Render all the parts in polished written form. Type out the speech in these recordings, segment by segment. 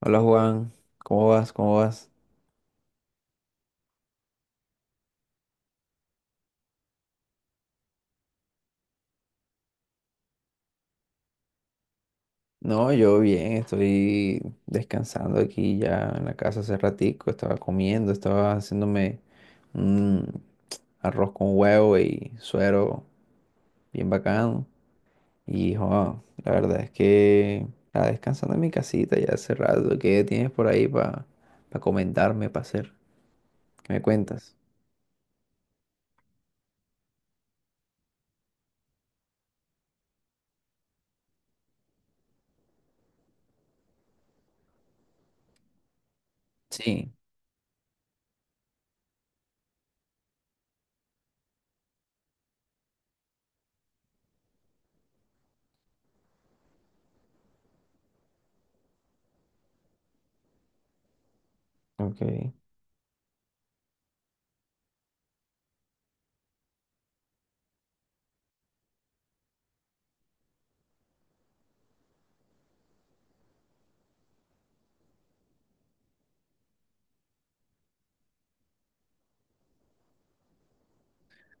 Hola Juan, ¿cómo vas? No, yo bien, estoy descansando aquí ya en la casa hace ratico, estaba comiendo, estaba haciéndome un arroz con huevo y suero bien bacano. Y jo, la verdad es que estaba descansando en mi casita ya hace rato. ¿Qué tienes por ahí para comentarme, para hacer? ¿Qué me cuentas? Sí. Ok.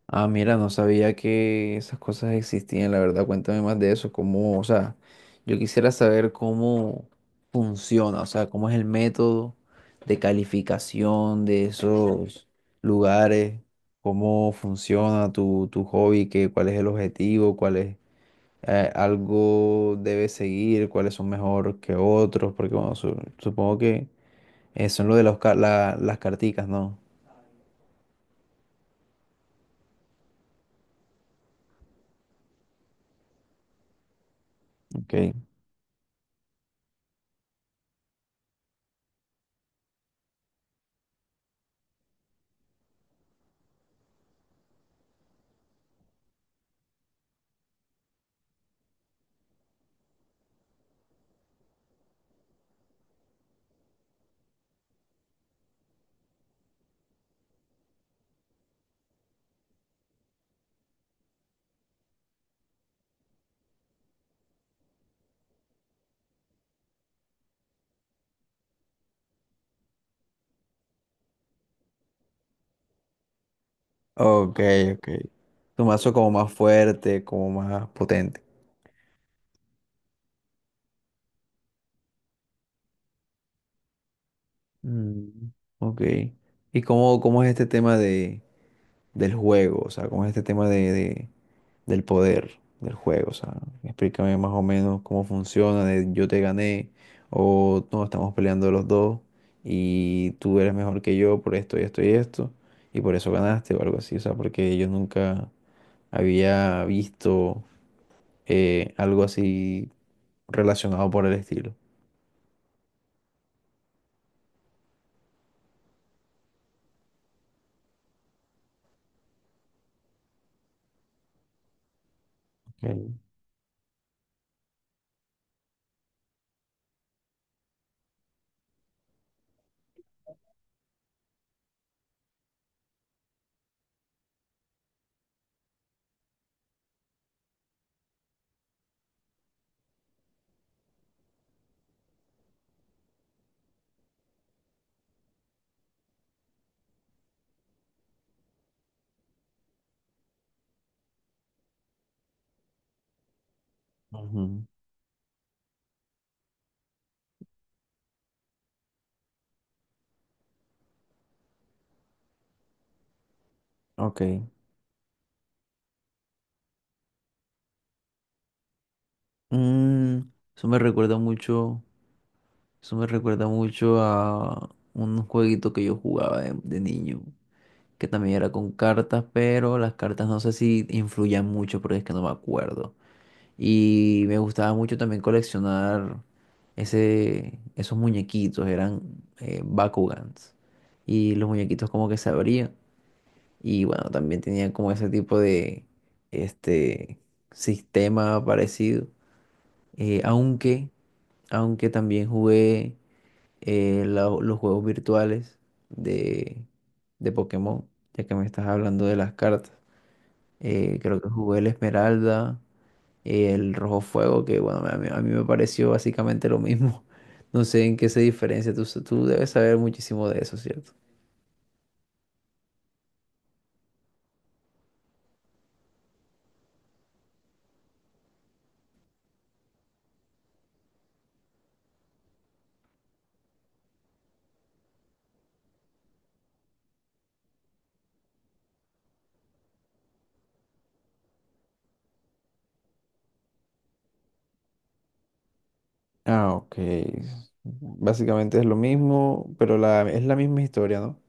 Ah, mira, no sabía que esas cosas existían, la verdad. Cuéntame más de eso, cómo, o sea, yo quisiera saber cómo funciona, o sea, cómo es el método de calificación de esos lugares, cómo funciona tu hobby, qué, cuál es el objetivo, cuál es, algo debe seguir, cuáles son mejor que otros, porque bueno, supongo que eso es lo de los las carticas, ¿no? Ok. Ok, ok. Tu mazo como más fuerte, como más potente. Mm. Ok. ¿Y cómo, cómo es este tema de, del juego? O sea, ¿cómo es este tema de, del poder del juego? O sea, explícame más o menos cómo funciona, de yo te gané, o no, estamos peleando los dos, y tú eres mejor que yo por esto y esto y esto, y por eso ganaste o algo así. O sea, porque yo nunca había visto algo así relacionado por el estilo. Okay. Ujú, ok. Mm, eso me recuerda mucho, eso me recuerda mucho a un jueguito que yo jugaba de niño, que también era con cartas, pero las cartas no sé si influían mucho porque es que no me acuerdo. Y me gustaba mucho también coleccionar ese, esos muñequitos, eran Bakugans. Y los muñequitos como que se abrían. Y bueno, también tenían como ese tipo de, este, sistema parecido. Eh, aunque, aunque también jugué los juegos virtuales de, de Pokémon, ya que me estás hablando de las cartas. Creo que jugué el Esmeralda, el Rojo Fuego, que bueno, a mí me pareció básicamente lo mismo. No sé en qué se diferencia. Tú, tú debes saber muchísimo de eso, ¿cierto? Ah, ok. Básicamente es lo mismo, pero la, es la misma historia, ¿no?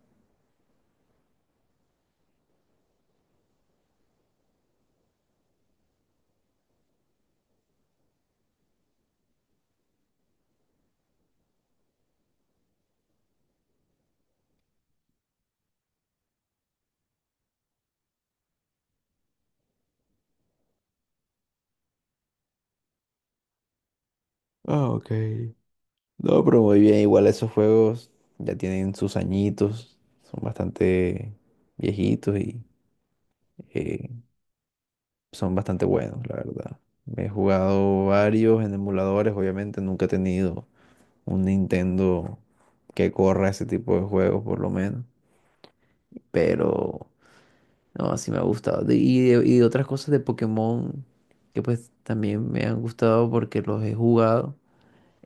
Ah, ok. No, pero muy bien, igual esos juegos ya tienen sus añitos, son bastante viejitos y eh, son bastante buenos, la verdad. He jugado varios en emuladores, obviamente nunca he tenido un Nintendo que corra ese tipo de juegos por lo menos, pero no, así me ha gustado. Y de otras cosas de Pokémon que pues también me han gustado porque los he jugado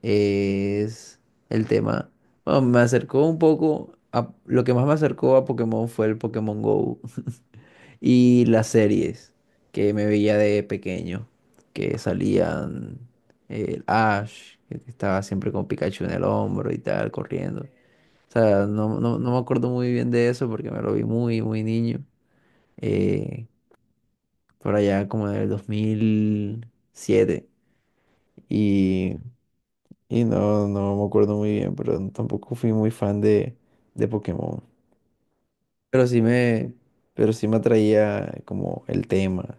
es el tema. Bueno, me acercó un poco a, lo que más me acercó a Pokémon fue el Pokémon Go y las series que me veía de pequeño, que salían el Ash, que estaba siempre con Pikachu en el hombro y tal, corriendo. O sea, no, no, no me acuerdo muy bien de eso porque me lo vi muy, muy niño, eh, por allá como en el 2007. Y Y no, no me acuerdo muy bien, pero tampoco fui muy fan de Pokémon. Pero sí me, pero sí me atraía como el tema.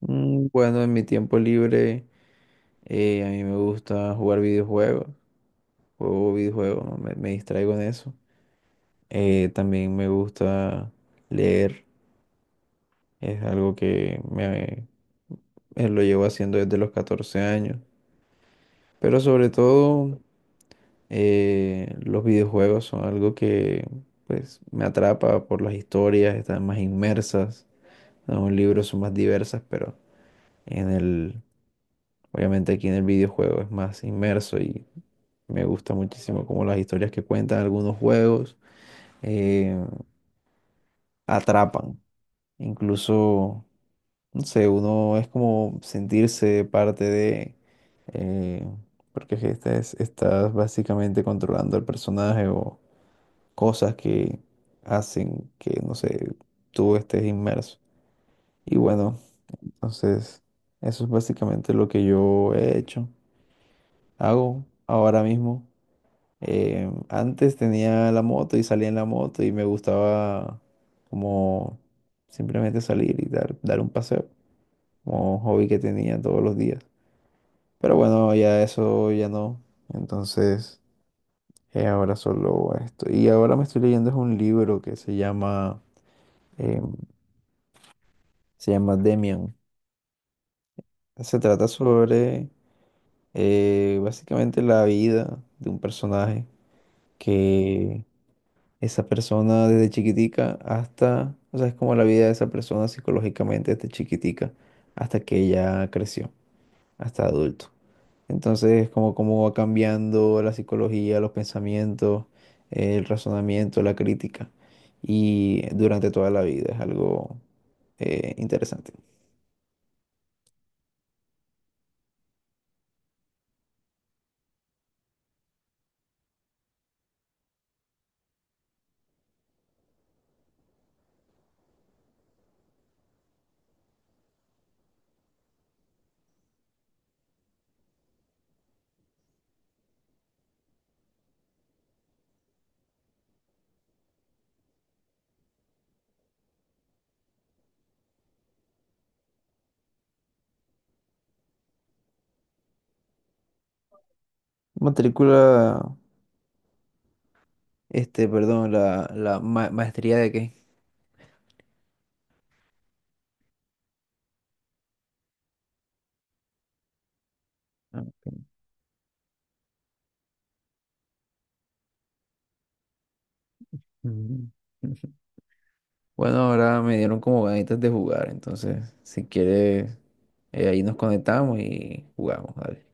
Bueno, en mi tiempo libre a mí me gusta jugar videojuegos. Juego videojuegos, ¿no? Me distraigo en eso. También me gusta leer. Es algo que me, lo llevo haciendo desde los 14 años. Pero sobre todo los videojuegos son algo que pues me atrapa por las historias, están más inmersas. Los libros son más diversas, pero en el, obviamente aquí en el videojuego es más inmerso y me gusta muchísimo como las historias que cuentan algunos juegos eh, atrapan. Incluso, no sé, uno es como sentirse parte de, eh, porque es que estás, estás básicamente controlando al personaje o cosas que hacen que, no sé, tú estés inmerso. Y bueno, entonces eso es básicamente lo que yo he hecho, hago ahora mismo. Antes tenía la moto y salía en la moto y me gustaba como simplemente salir y dar, dar un paseo, como un hobby que tenía todos los días. Pero bueno, ya eso ya no. Entonces, ahora solo esto. Y ahora me estoy leyendo es un libro que se llama em, se llama Demian. Se trata sobre básicamente la vida de un personaje que esa persona desde chiquitica hasta, o sea, es como la vida de esa persona psicológicamente desde chiquitica hasta que ella creció, hasta adulto. Entonces es como cómo va cambiando la psicología, los pensamientos, el razonamiento, la crítica y durante toda la vida es algo interesante. Matrícula Este, perdón, la, maestría de qué. Ah, ok. Ujú. Bueno, ahora me dieron como ganitas de jugar, entonces, si quieres, ahí nos conectamos y jugamos, dale.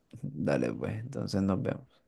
Dale, pues, entonces nos vemos.